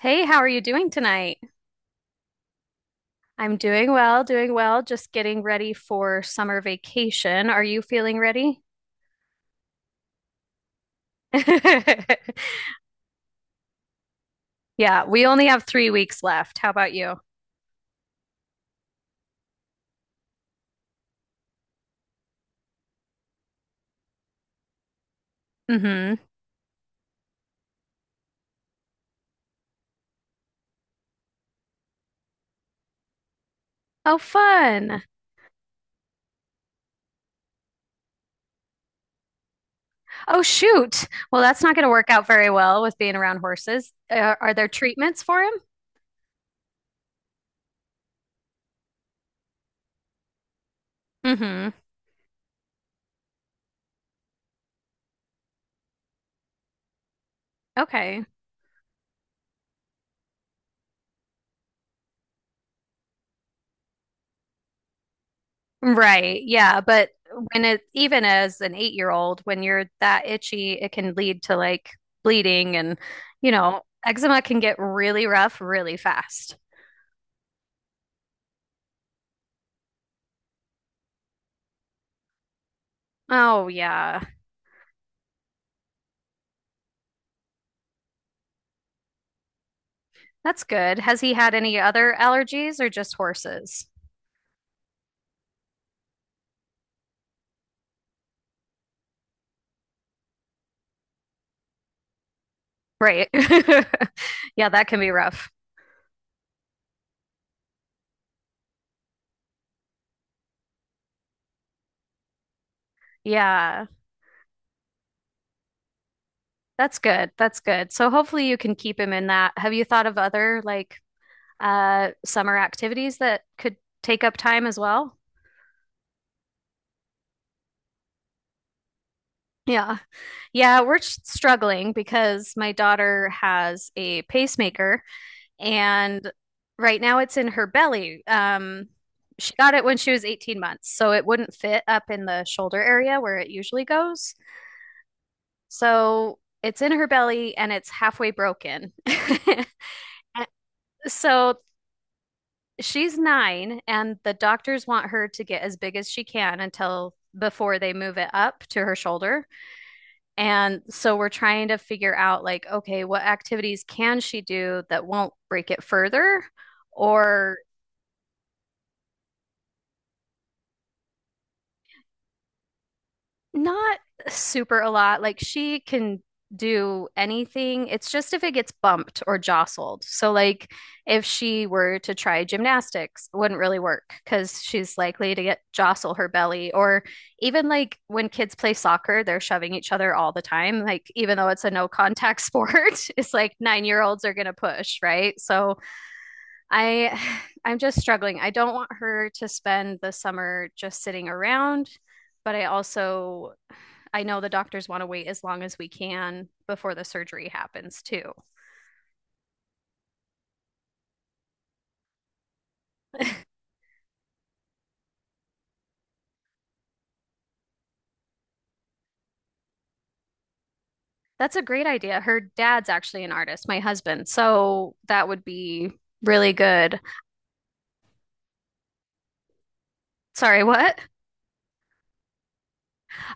Hey, how are you doing tonight? I'm doing well, just getting ready for summer vacation. Are you feeling ready? Yeah, we only have 3 weeks left. How about you? Mm-hmm. Oh, fun. Oh, shoot. Well, that's not going to work out very well with being around horses. Are there treatments for him? Mm-hmm. Okay. Right. Yeah. But when it, even as an 8-year-old old, when you're that itchy, it can lead to like bleeding and, you know, eczema can get really rough really fast. Oh, yeah. That's good. Has he had any other allergies or just horses? Right. Yeah. That can be rough. Yeah. That's good. That's good. So hopefully you can keep him in that. Have you thought of other like summer activities that could take up time as well? Yeah. Yeah, we're struggling because my daughter has a pacemaker, and right now it's in her belly. She got it when she was 18 months, so it wouldn't fit up in the shoulder area where it usually goes. So it's in her belly and it's halfway broken. So she's 9, and the doctors want her to get as big as she can until before they move it up to her shoulder. And so we're trying to figure out like, okay, what activities can she do that won't break it further or not super a lot. Like she can do anything. It's just if it gets bumped or jostled. So like if she were to try gymnastics, it wouldn't really work because she's likely to get jostle her belly, or even like when kids play soccer, they're shoving each other all the time. Like even though it's a no contact sport, it's like 9-year-olds are going to push, right? So I I'm just struggling. I don't want her to spend the summer just sitting around, but I also I know the doctors want to wait as long as we can before the surgery happens too. That's a great idea. Her dad's actually an artist, my husband. So that would be really good. Sorry, what?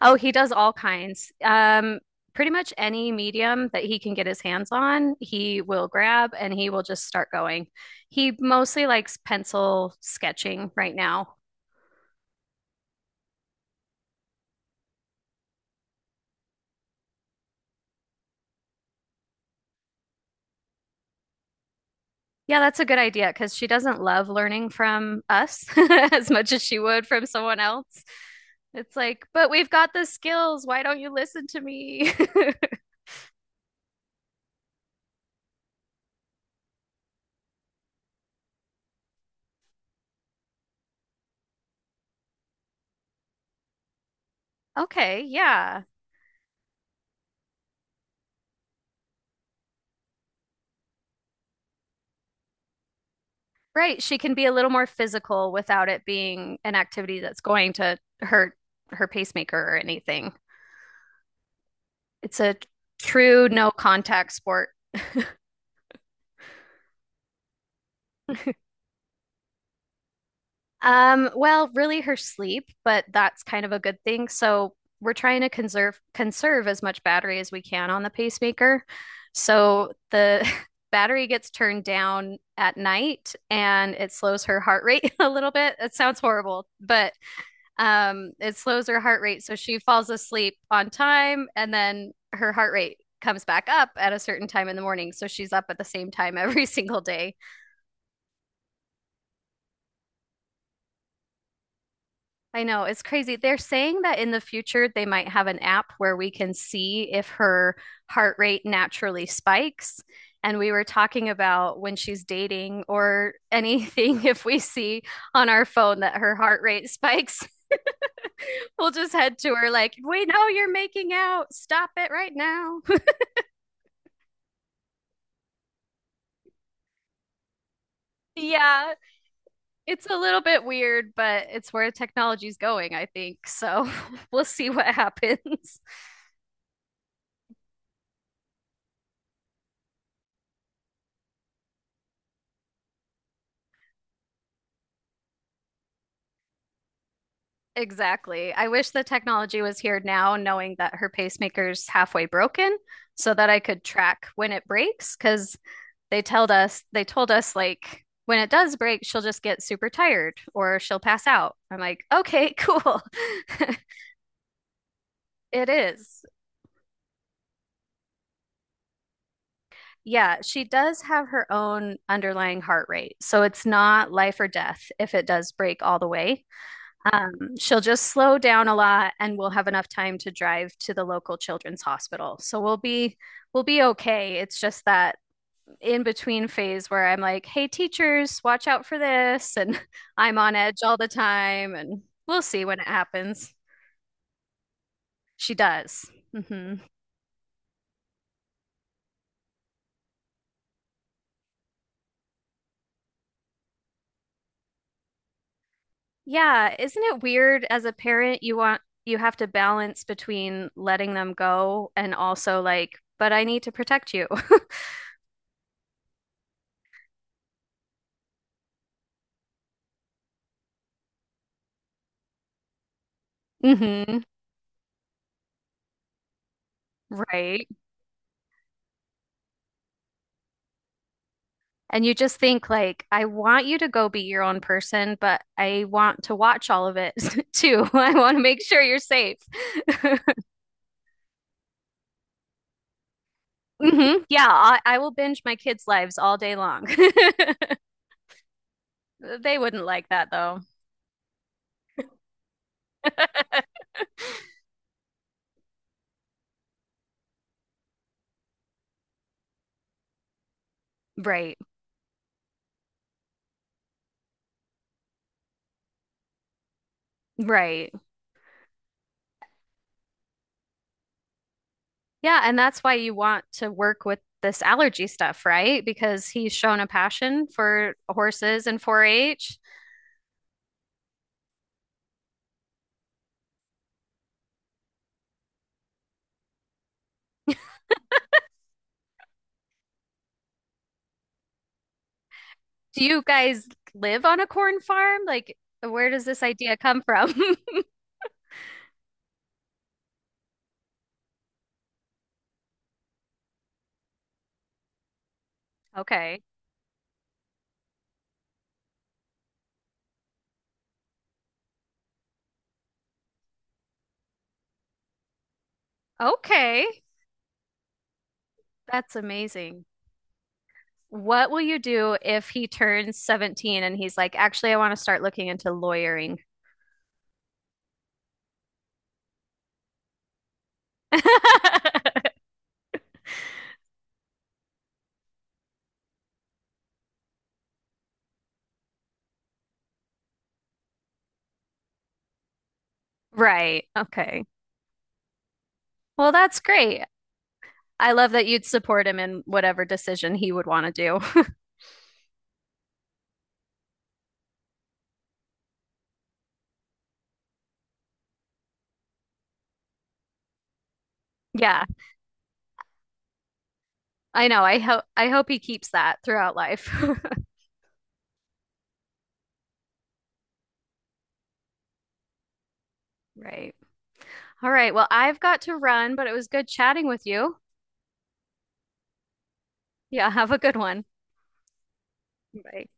Oh, he does all kinds. Pretty much any medium that he can get his hands on, he will grab and he will just start going. He mostly likes pencil sketching right now. Yeah, that's a good idea because she doesn't love learning from us as much as she would from someone else. It's like, but we've got the skills. Why don't you listen to me? Okay, yeah. Right. She can be a little more physical without it being an activity that's going to hurt her pacemaker or anything. It's a true no contact sport. Well, really her sleep, but that's kind of a good thing. So we're trying to conserve as much battery as we can on the pacemaker. So the battery gets turned down at night and it slows her heart rate a little bit. It sounds horrible, but it slows her heart rate so she falls asleep on time and then her heart rate comes back up at a certain time in the morning. So she's up at the same time every single day. I know, it's crazy. They're saying that in the future they might have an app where we can see if her heart rate naturally spikes. And we were talking about when she's dating or anything, if we see on our phone that her heart rate spikes, we'll just head to her like, we know you're making out. Stop it right now. Yeah, it's a little bit weird, but it's where technology's going, I think. So we'll see what happens. Exactly. I wish the technology was here now, knowing that her pacemaker's halfway broken, so that I could track when it breaks. Because they told us like when it does break, she'll just get super tired or she'll pass out. I'm like, okay, cool. It is. Yeah, she does have her own underlying heart rate, so it's not life or death if it does break all the way. She'll just slow down a lot and we'll have enough time to drive to the local children's hospital. So we'll be okay. It's just that in between phase where I'm like, "Hey teachers, watch out for this," and I'm on edge all the time and we'll see when it happens. She does. Hmm. Yeah, isn't it weird as a parent you want you have to balance between letting them go and also like, but I need to protect you. Hmm. Right. And you just think like, I want you to go be your own person, but I want to watch all of it too. I want to make sure you're safe. Hmm. Yeah, I will binge my kids' lives all day long. They wouldn't like that though. Right, right. Yeah, and that's why you want to work with this allergy stuff, right? Because he's shown a passion for horses and 4-H. Do you guys live on a corn farm? Like, where does this idea come from? Okay. Okay, that's amazing. What will you do if he turns 17 and he's like, actually, I want to start looking into lawyering? Right. Okay. Well, that's great. I love that you'd support him in whatever decision he would want to do. Yeah, I know. I hope he keeps that throughout life. Right. All right. Well, I've got to run, but it was good chatting with you. Yeah, have a good one. Bye.